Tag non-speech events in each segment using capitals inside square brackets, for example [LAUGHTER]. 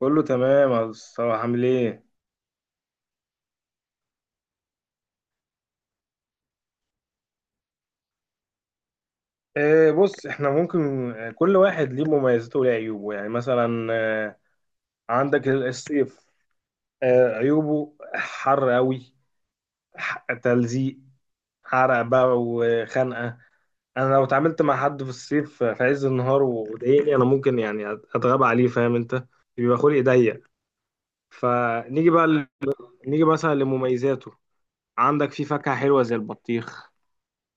كله تمام يا مصطفى، عامل ايه؟ بص احنا ممكن، كل واحد ليه مميزاته وليه عيوبه، يعني مثلا. آه عندك الصيف، عيوبه حر قوي، تلزيق، حرق بقى وخنقة. انا لو اتعاملت مع حد في الصيف في عز النهار وضايقني، انا ممكن يعني اتغاب عليه، فاهم انت؟ بيبقى خلقي ضيق. فنيجي بقى ل... نيجي مثلا لمميزاته. عندك في فاكهة حلوة زي البطيخ،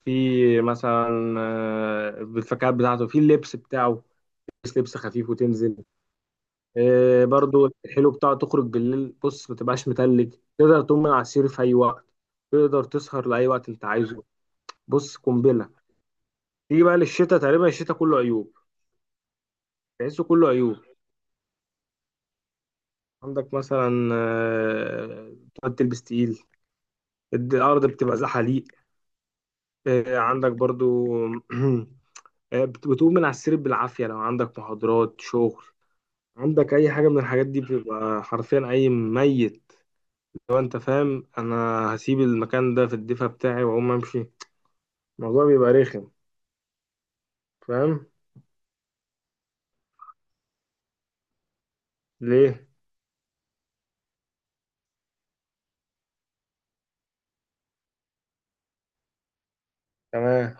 في مثلا، الفكات بتاعته في اللبس بتاعه، بس لبس خفيف وتنزل. برضو الحلو بتاعه تخرج بالليل، بص ما تبقاش متلج، تقدر تقوم من على السرير في اي وقت، تقدر تسهر لاي وقت انت عايزه. بص قنبله. تيجي بقى للشتاء، تقريبا الشتاء كله عيوب، تحسه كله عيوب. عندك مثلا، تقعد تلبس تقيل، الارض بتبقى زحاليق، عندك برضو [CLEARS THROAT] بتقوم من على السرير بالعافيه لو عندك محاضرات، شغل، عندك اي حاجه من الحاجات دي، بتبقى حرفيا اي ميت، لو انت فاهم انا. هسيب المكان ده في الدفا بتاعي واقوم امشي، الموضوع بيبقى رخم، فاهم؟ ليه؟ تمام.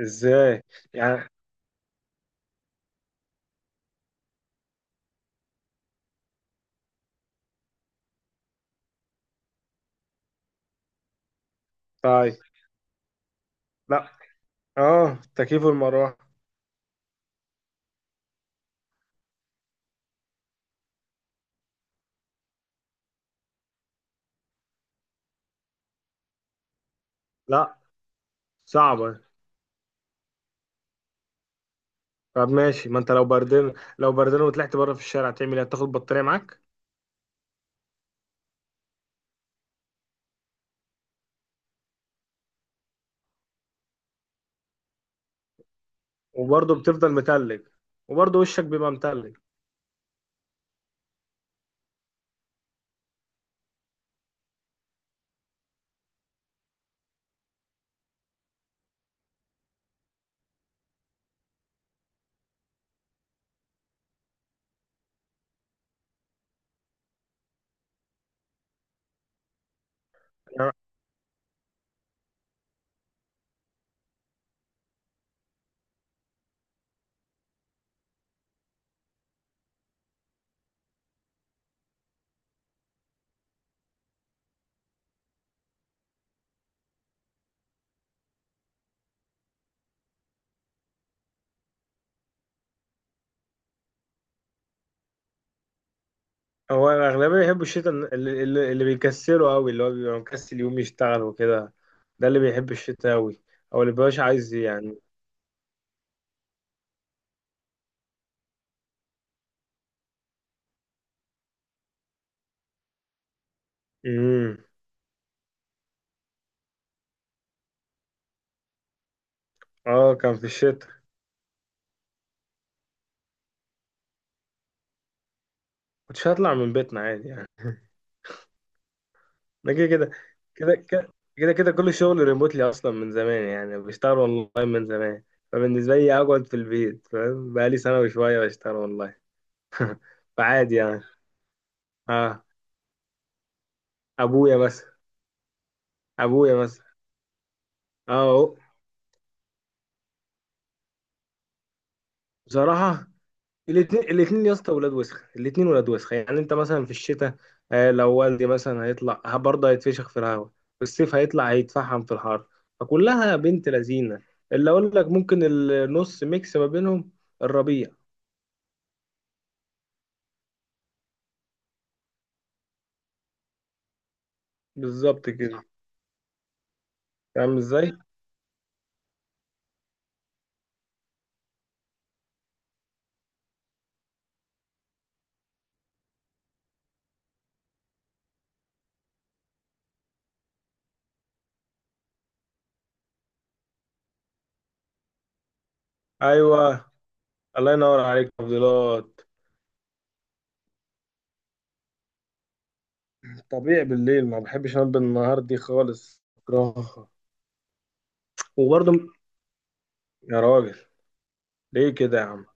ازاي؟ يعني. طيب. لا. اه، تكييف، المروحه. لا، صعبه. طب ماشي، ما انت لو بردان، لو بردان وطلعت بره في الشارع تعمل ايه، تاخد بطاريه معاك؟ وبرضه بتفضل متلج، وبرضه وشك بيبقى متلج. هو الأغلبية بيحبوا الشتاء، اللي بيكسله أوي، اللي هو بيبقى مكسل يقوم يشتغل وكده، ده اللي بيحب الشتاء أوي، أو اللي مبيبقاش عايز يعني. امم. اه كان في الشتاء. كنتش هطلع من بيتنا عادي يعني. ده كده، كده كده كده كده كل الشغل ريموتلي أصلا من زمان، يعني بشتغل أونلاين من زمان، فبالنسبة لي أقعد في البيت، فاهم؟ بقالي سنة وشوية بشتغل أونلاين، فعادي يعني. اه. أبويا مثلا. أبويا مثلا. اه أهو. بصراحة، الاثنين يا اسطى ولاد وسخه، الاثنين ولاد وسخه، يعني انت مثلا في الشتاء، لو والدي مثلا هيطلع برضه هيتفشخ في الهواء، في الصيف هيطلع هيتفحم في الحر، فكلها بنت لذينه. اللي اقول لك، ممكن النص، ميكس ما بينهم، الربيع. بالظبط كده. فاهم ازاي؟ ايوه. الله ينور عليك، تفضيلات. طبيعي بالليل، ما بحبش انام بالنهار دي خالص، بكرهها. وبرضه. يا راجل، ليه كده يا عم؟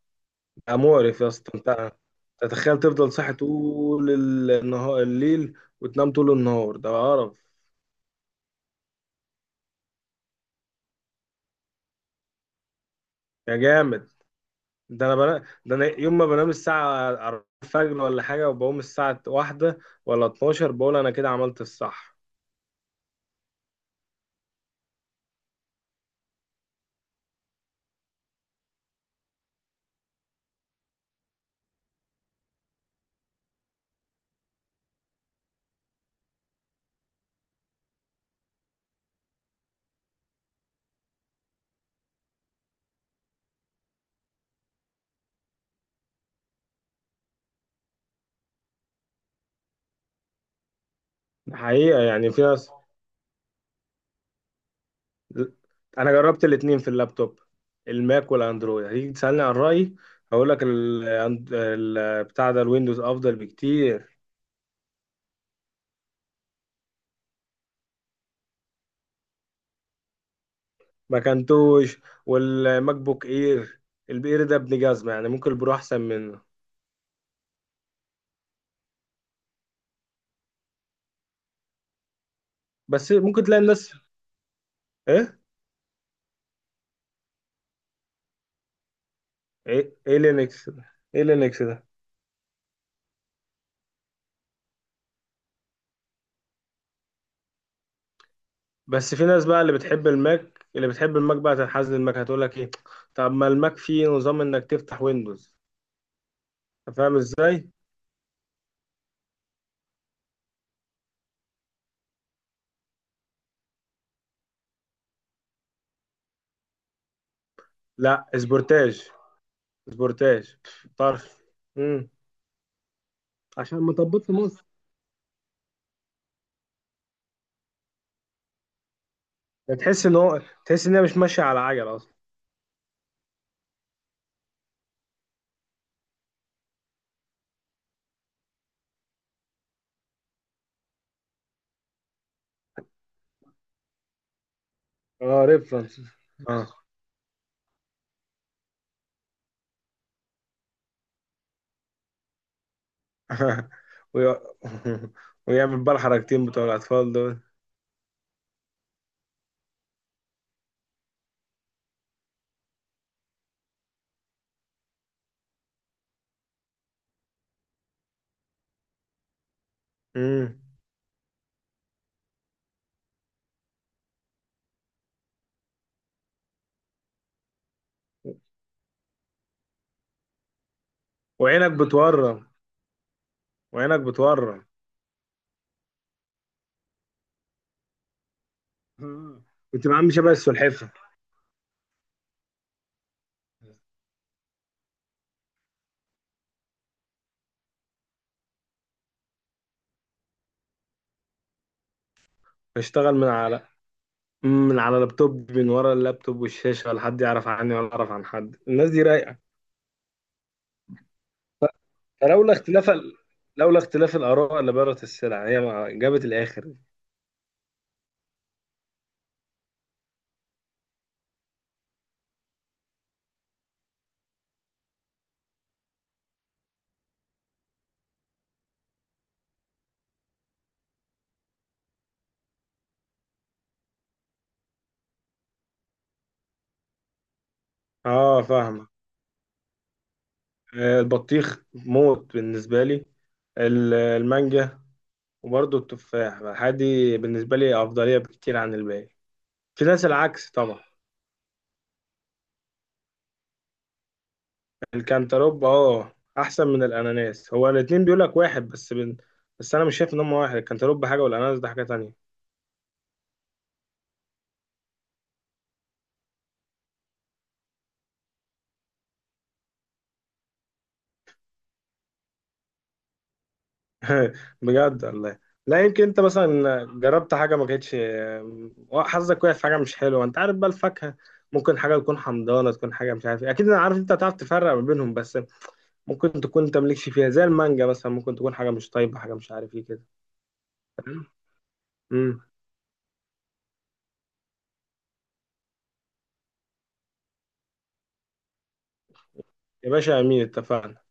مقرف يا اسطى انت. تتخيل تفضل صاحي طول النهار الليل وتنام طول النهار، ده قرف. يا جامد. ده انا يوم ما بنام الساعة 4 الفجر ولا حاجة وبقوم الساعة واحدة ولا 12 بقول انا كده عملت الصح. ده حقيقة، يعني في ناس. انا جربت الاتنين في اللابتوب، الماك والاندرويد، هتيجي تسألني عن رأيي، هقول لك بتاع ده، الويندوز افضل بكتير. مكنتوش والماك بوك اير، الاير ده ابن جزمه، يعني ممكن البرو احسن منه. بس ممكن تلاقي الناس. ايه؟ ايه لينكس ده؟ ايه لينكس ده؟ بس في ناس بقى اللي بتحب الماك بقى تنحاز للماك، هتقول لك ايه؟ طب ما الماك فيه نظام انك تفتح ويندوز، أنت فاهم ازاي. لا، سبورتاج، سبورتاج، طرف. امم. عشان ما طبطش في مصر. تحس ان هي مش ماشيه على عجل اصلا. اه، ريفرنس. [LAUGHS] وي- [LAUGHS] ويعمل بقى الحركتين بتوع الأطفال دول. مم. وعينك بتورم. وعينك بتورم. آه. كنت بعمل شبه السلحفة. بشتغل من على من على لابتوب، من ورا اللابتوب والشاشة، ولا حد يعرف عني ولا أعرف عن حد، الناس دي رايقة. فلولا اختلاف ال... لولا اختلاف الآراء لبارت السلع، هي ما- جابت الآخر. اه، فاهمة. البطيخ موت بالنسبة لي، المانجا، وبرضه التفاح الحادي، بالنسبة لي أفضلية بكتير عن الباقي. في ناس العكس طبعا. الكنتالوب اه، أحسن من الأناناس، هو الاتنين بيقولك واحد، بس أنا مش شايف إن هما واحد، الكنتالوب حاجة والأناناس ده حاجة تانية. [LAUGHS] بجد والله. لا يمكن أنت مثلا جربت حاجة ما كانتش، حظك وقع في حاجة مش حلوة، أنت عارف بقى الفاكهة ممكن حاجة تكون حمضانة، تكون حاجة مش عارف إيه. أكيد أنا عارف أنت هتعرف تفرق ما بينهم، بس ممكن تكون أنت مالكش فيها زي المانجا مثلا، ممكن تكون حاجة مش طيبة، حاجة مش عارف إيه كده. مم. يا باشا امين، اتفقنا.